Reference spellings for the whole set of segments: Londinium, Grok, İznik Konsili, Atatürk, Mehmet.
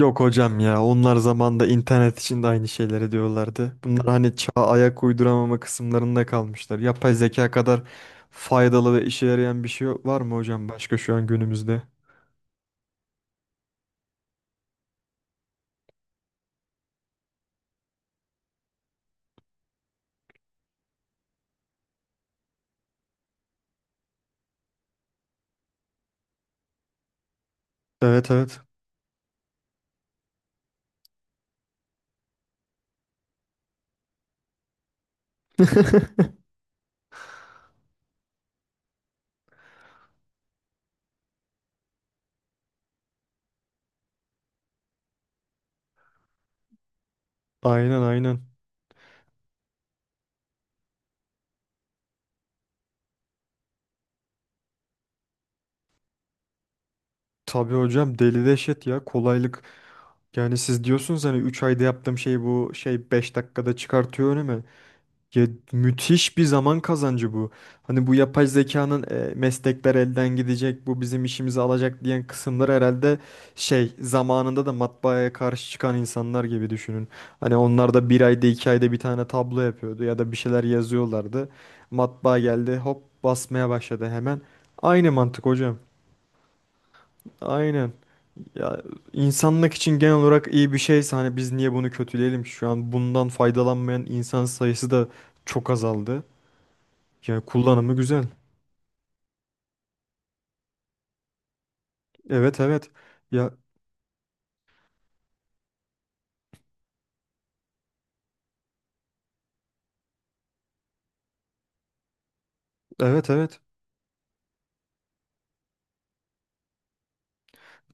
Yok hocam ya onlar zamanda internet için de aynı şeyleri diyorlardı. Bunlar hani çağa ayak uyduramama kısımlarında kalmışlar. Yapay zeka kadar faydalı ve işe yarayan bir şey var mı hocam başka şu an günümüzde? Evet, evet. Aynen, aynen. Tabii hocam deli deşet ya kolaylık. Yani siz diyorsunuz hani 3 ayda yaptığım şeyi bu şey 5 dakikada çıkartıyor önüme. Ya müthiş bir zaman kazancı bu. Hani bu yapay zekanın meslekler elden gidecek, bu bizim işimizi alacak diyen kısımlar herhalde şey zamanında da matbaaya karşı çıkan insanlar gibi düşünün. Hani onlar da bir ayda iki ayda bir tane tablo yapıyordu ya da bir şeyler yazıyorlardı. Matbaa geldi hop basmaya başladı hemen. Aynı mantık hocam. Aynen. Ya insanlık için genel olarak iyi bir şeyse hani biz niye bunu kötüleyelim ki? Şu an bundan faydalanmayan insan sayısı da çok azaldı. Ya kullanımı güzel. Evet, evet. Ya evet.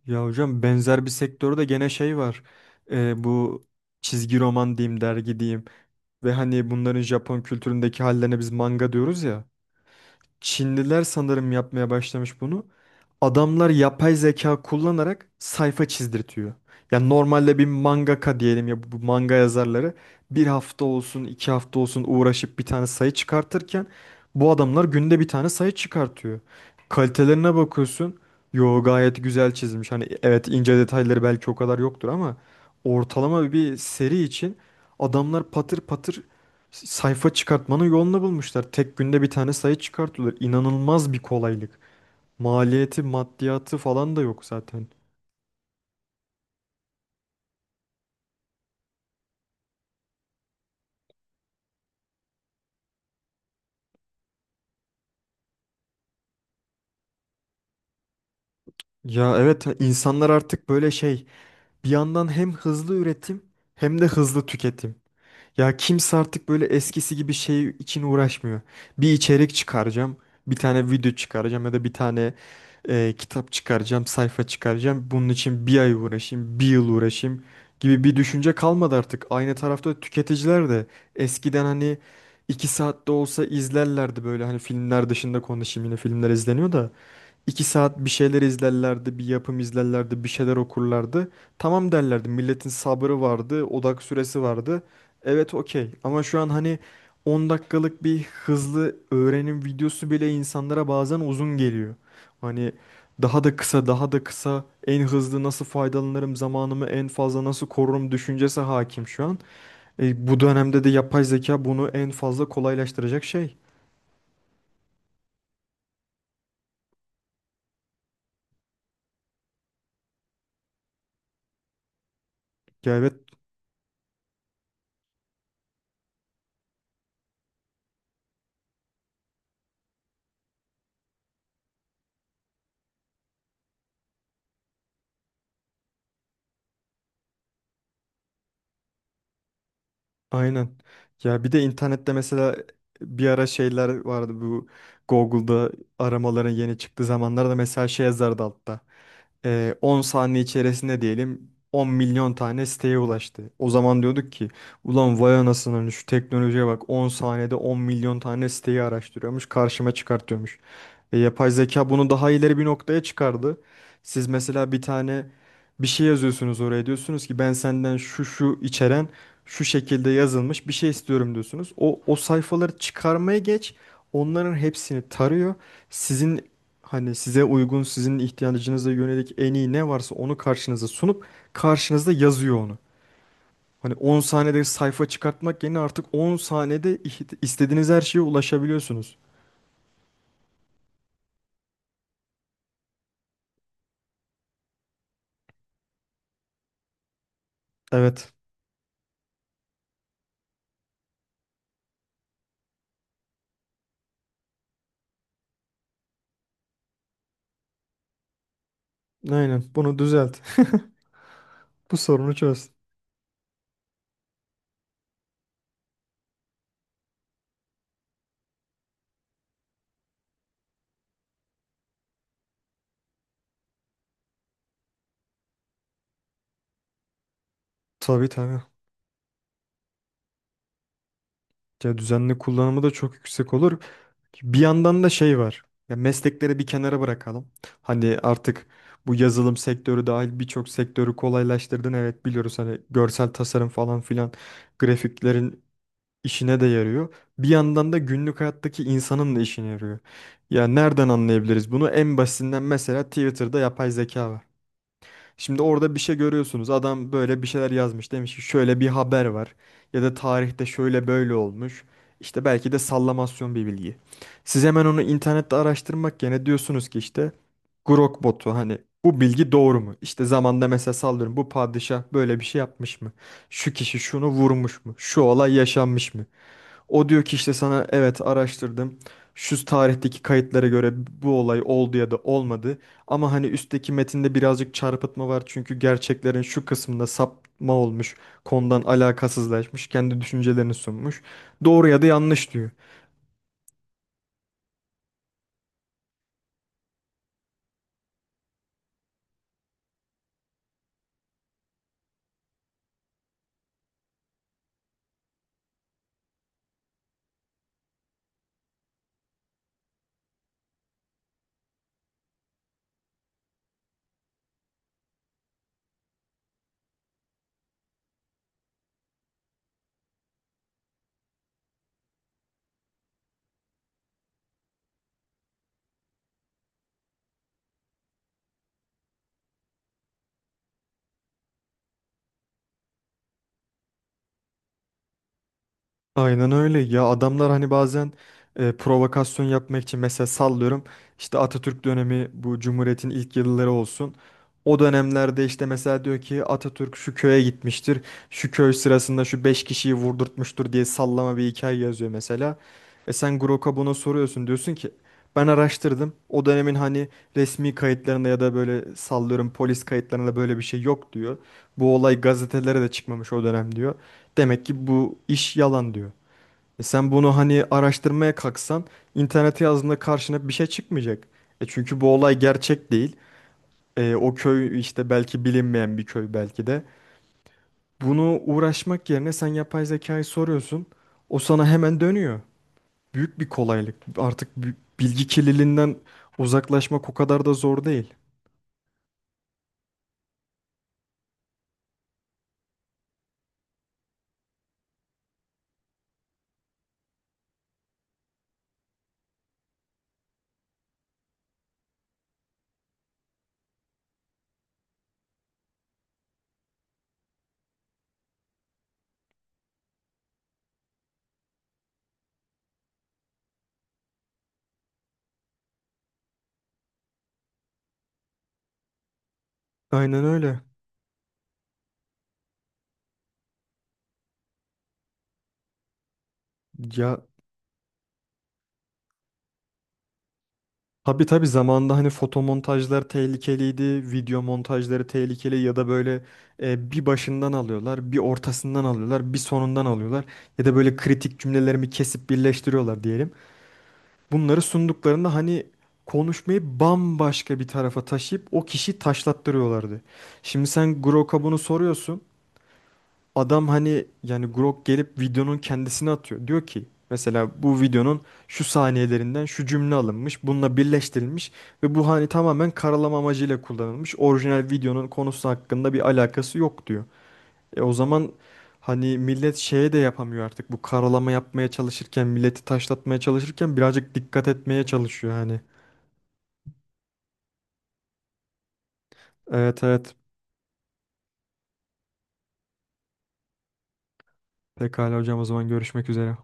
Ya hocam benzer bir sektörde gene şey var. Bu çizgi roman diyeyim dergi diyeyim. Ve hani bunların Japon kültüründeki hallerine biz manga diyoruz ya. Çinliler sanırım yapmaya başlamış bunu. Adamlar yapay zeka kullanarak sayfa çizdirtiyor. Yani normalde bir mangaka diyelim ya bu manga yazarları bir hafta olsun iki hafta olsun uğraşıp bir tane sayı çıkartırken bu adamlar günde bir tane sayı çıkartıyor. Kalitelerine bakıyorsun. Yo, gayet güzel çizmiş. Hani evet, ince detayları belki o kadar yoktur ama ortalama bir seri için adamlar patır patır sayfa çıkartmanın yolunu bulmuşlar. Tek günde bir tane sayı çıkartıyorlar. İnanılmaz bir kolaylık. Maliyeti, maddiyatı falan da yok zaten. Ya evet, insanlar artık böyle şey, bir yandan hem hızlı üretim hem de hızlı tüketim. Ya kimse artık böyle eskisi gibi şey için uğraşmıyor. Bir içerik çıkaracağım, bir tane video çıkaracağım ya da bir tane kitap çıkaracağım, sayfa çıkaracağım. Bunun için bir ay uğraşayım, bir yıl uğraşayım gibi bir düşünce kalmadı artık. Aynı tarafta tüketiciler de eskiden hani iki saatte olsa izlerlerdi böyle hani filmler dışında konuşayım, yine filmler izleniyor da. İki saat bir şeyler izlerlerdi, bir yapım izlerlerdi, bir şeyler okurlardı. Tamam derlerdi. Milletin sabrı vardı, odak süresi vardı. Evet, okey. Ama şu an hani 10 dakikalık bir hızlı öğrenim videosu bile insanlara bazen uzun geliyor. Hani daha da kısa, daha da kısa, en hızlı nasıl faydalanırım, zamanımı en fazla nasıl korurum düşüncesi hakim şu an. Bu dönemde de yapay zeka bunu en fazla kolaylaştıracak şey. Ya evet. Aynen. Ya bir de internette mesela bir ara şeyler vardı, bu Google'da aramaların yeni çıktığı zamanlarda mesela şey yazardı altta. 10 saniye içerisinde diyelim 10 milyon tane siteye ulaştı. O zaman diyorduk ki ulan vay anasının şu teknolojiye bak, 10 saniyede 10 milyon tane siteyi araştırıyormuş karşıma çıkartıyormuş. Yapay zeka bunu daha ileri bir noktaya çıkardı. Siz mesela bir tane bir şey yazıyorsunuz oraya, diyorsunuz ki ben senden şu şu içeren şu şekilde yazılmış bir şey istiyorum diyorsunuz. O sayfaları çıkarmaya geç. Onların hepsini tarıyor. Sizin hani size uygun, sizin ihtiyacınıza yönelik en iyi ne varsa onu karşınıza sunup karşınızda yazıyor onu. Hani 10 saniyede sayfa çıkartmak yerine artık 10 saniyede istediğiniz her şeye ulaşabiliyorsunuz. Evet. Aynen. Bunu düzelt. Bu sorunu çöz. Tabii, tabii. Ya düzenli kullanımı da çok yüksek olur. Bir yandan da şey var. Ya meslekleri bir kenara bırakalım. Hani artık bu yazılım sektörü dahil birçok sektörü kolaylaştırdın. Evet, biliyoruz hani görsel tasarım falan filan grafiklerin işine de yarıyor. Bir yandan da günlük hayattaki insanın da işine yarıyor. Ya nereden anlayabiliriz bunu? En basitinden mesela Twitter'da yapay zeka var. Şimdi orada bir şey görüyorsunuz. Adam böyle bir şeyler yazmış. Demiş ki şöyle bir haber var. Ya da tarihte şöyle böyle olmuş. İşte belki de sallamasyon bir bilgi. Siz hemen onu internette araştırmak yerine diyorsunuz ki işte Grok botu hani, bu bilgi doğru mu? İşte zamanda mesela sallıyorum bu padişah böyle bir şey yapmış mı? Şu kişi şunu vurmuş mu? Şu olay yaşanmış mı? O diyor ki işte sana evet, araştırdım. Şu tarihteki kayıtlara göre bu olay oldu ya da olmadı. Ama hani üstteki metinde birazcık çarpıtma var. Çünkü gerçeklerin şu kısmında sapma olmuş. Konudan alakasızlaşmış. Kendi düşüncelerini sunmuş. Doğru ya da yanlış diyor. Aynen öyle ya, adamlar hani bazen provokasyon yapmak için mesela sallıyorum işte Atatürk dönemi bu Cumhuriyet'in ilk yılları olsun. O dönemlerde işte mesela diyor ki Atatürk şu köye gitmiştir. Şu köy sırasında şu 5 kişiyi vurdurtmuştur diye sallama bir hikaye yazıyor mesela. E sen Grok'a bunu soruyorsun, diyorsun ki ben araştırdım. O dönemin hani resmi kayıtlarında ya da böyle sallıyorum polis kayıtlarında böyle bir şey yok diyor. Bu olay gazetelere de çıkmamış o dönem diyor. Demek ki bu iş yalan diyor. E sen bunu hani araştırmaya kalksan internete yazdığında karşına bir şey çıkmayacak. E çünkü bu olay gerçek değil. E, o köy işte belki bilinmeyen bir köy belki de. Bunu uğraşmak yerine sen yapay zekayı soruyorsun. O sana hemen dönüyor. Büyük bir kolaylık. Artık bilgi kirliliğinden uzaklaşmak o kadar da zor değil. Aynen öyle. Ya, tabii, tabii, zamanında hani fotomontajlar tehlikeliydi, video montajları tehlikeli ya da böyle bir başından alıyorlar, bir ortasından alıyorlar, bir sonundan alıyorlar ya da böyle kritik cümlelerimi kesip birleştiriyorlar diyelim. Bunları sunduklarında hani konuşmayı bambaşka bir tarafa taşıyıp o kişiyi taşlattırıyorlardı. Şimdi sen Grok'a bunu soruyorsun. Adam hani yani Grok gelip videonun kendisini atıyor. Diyor ki mesela bu videonun şu saniyelerinden şu cümle alınmış, bununla birleştirilmiş ve bu hani tamamen karalama amacıyla kullanılmış. Orijinal videonun konusu hakkında bir alakası yok diyor. E o zaman hani millet şeye de yapamıyor artık. Bu karalama yapmaya çalışırken, milleti taşlatmaya çalışırken birazcık dikkat etmeye çalışıyor hani. Evet, evet. Pekala hocam, o zaman görüşmek üzere.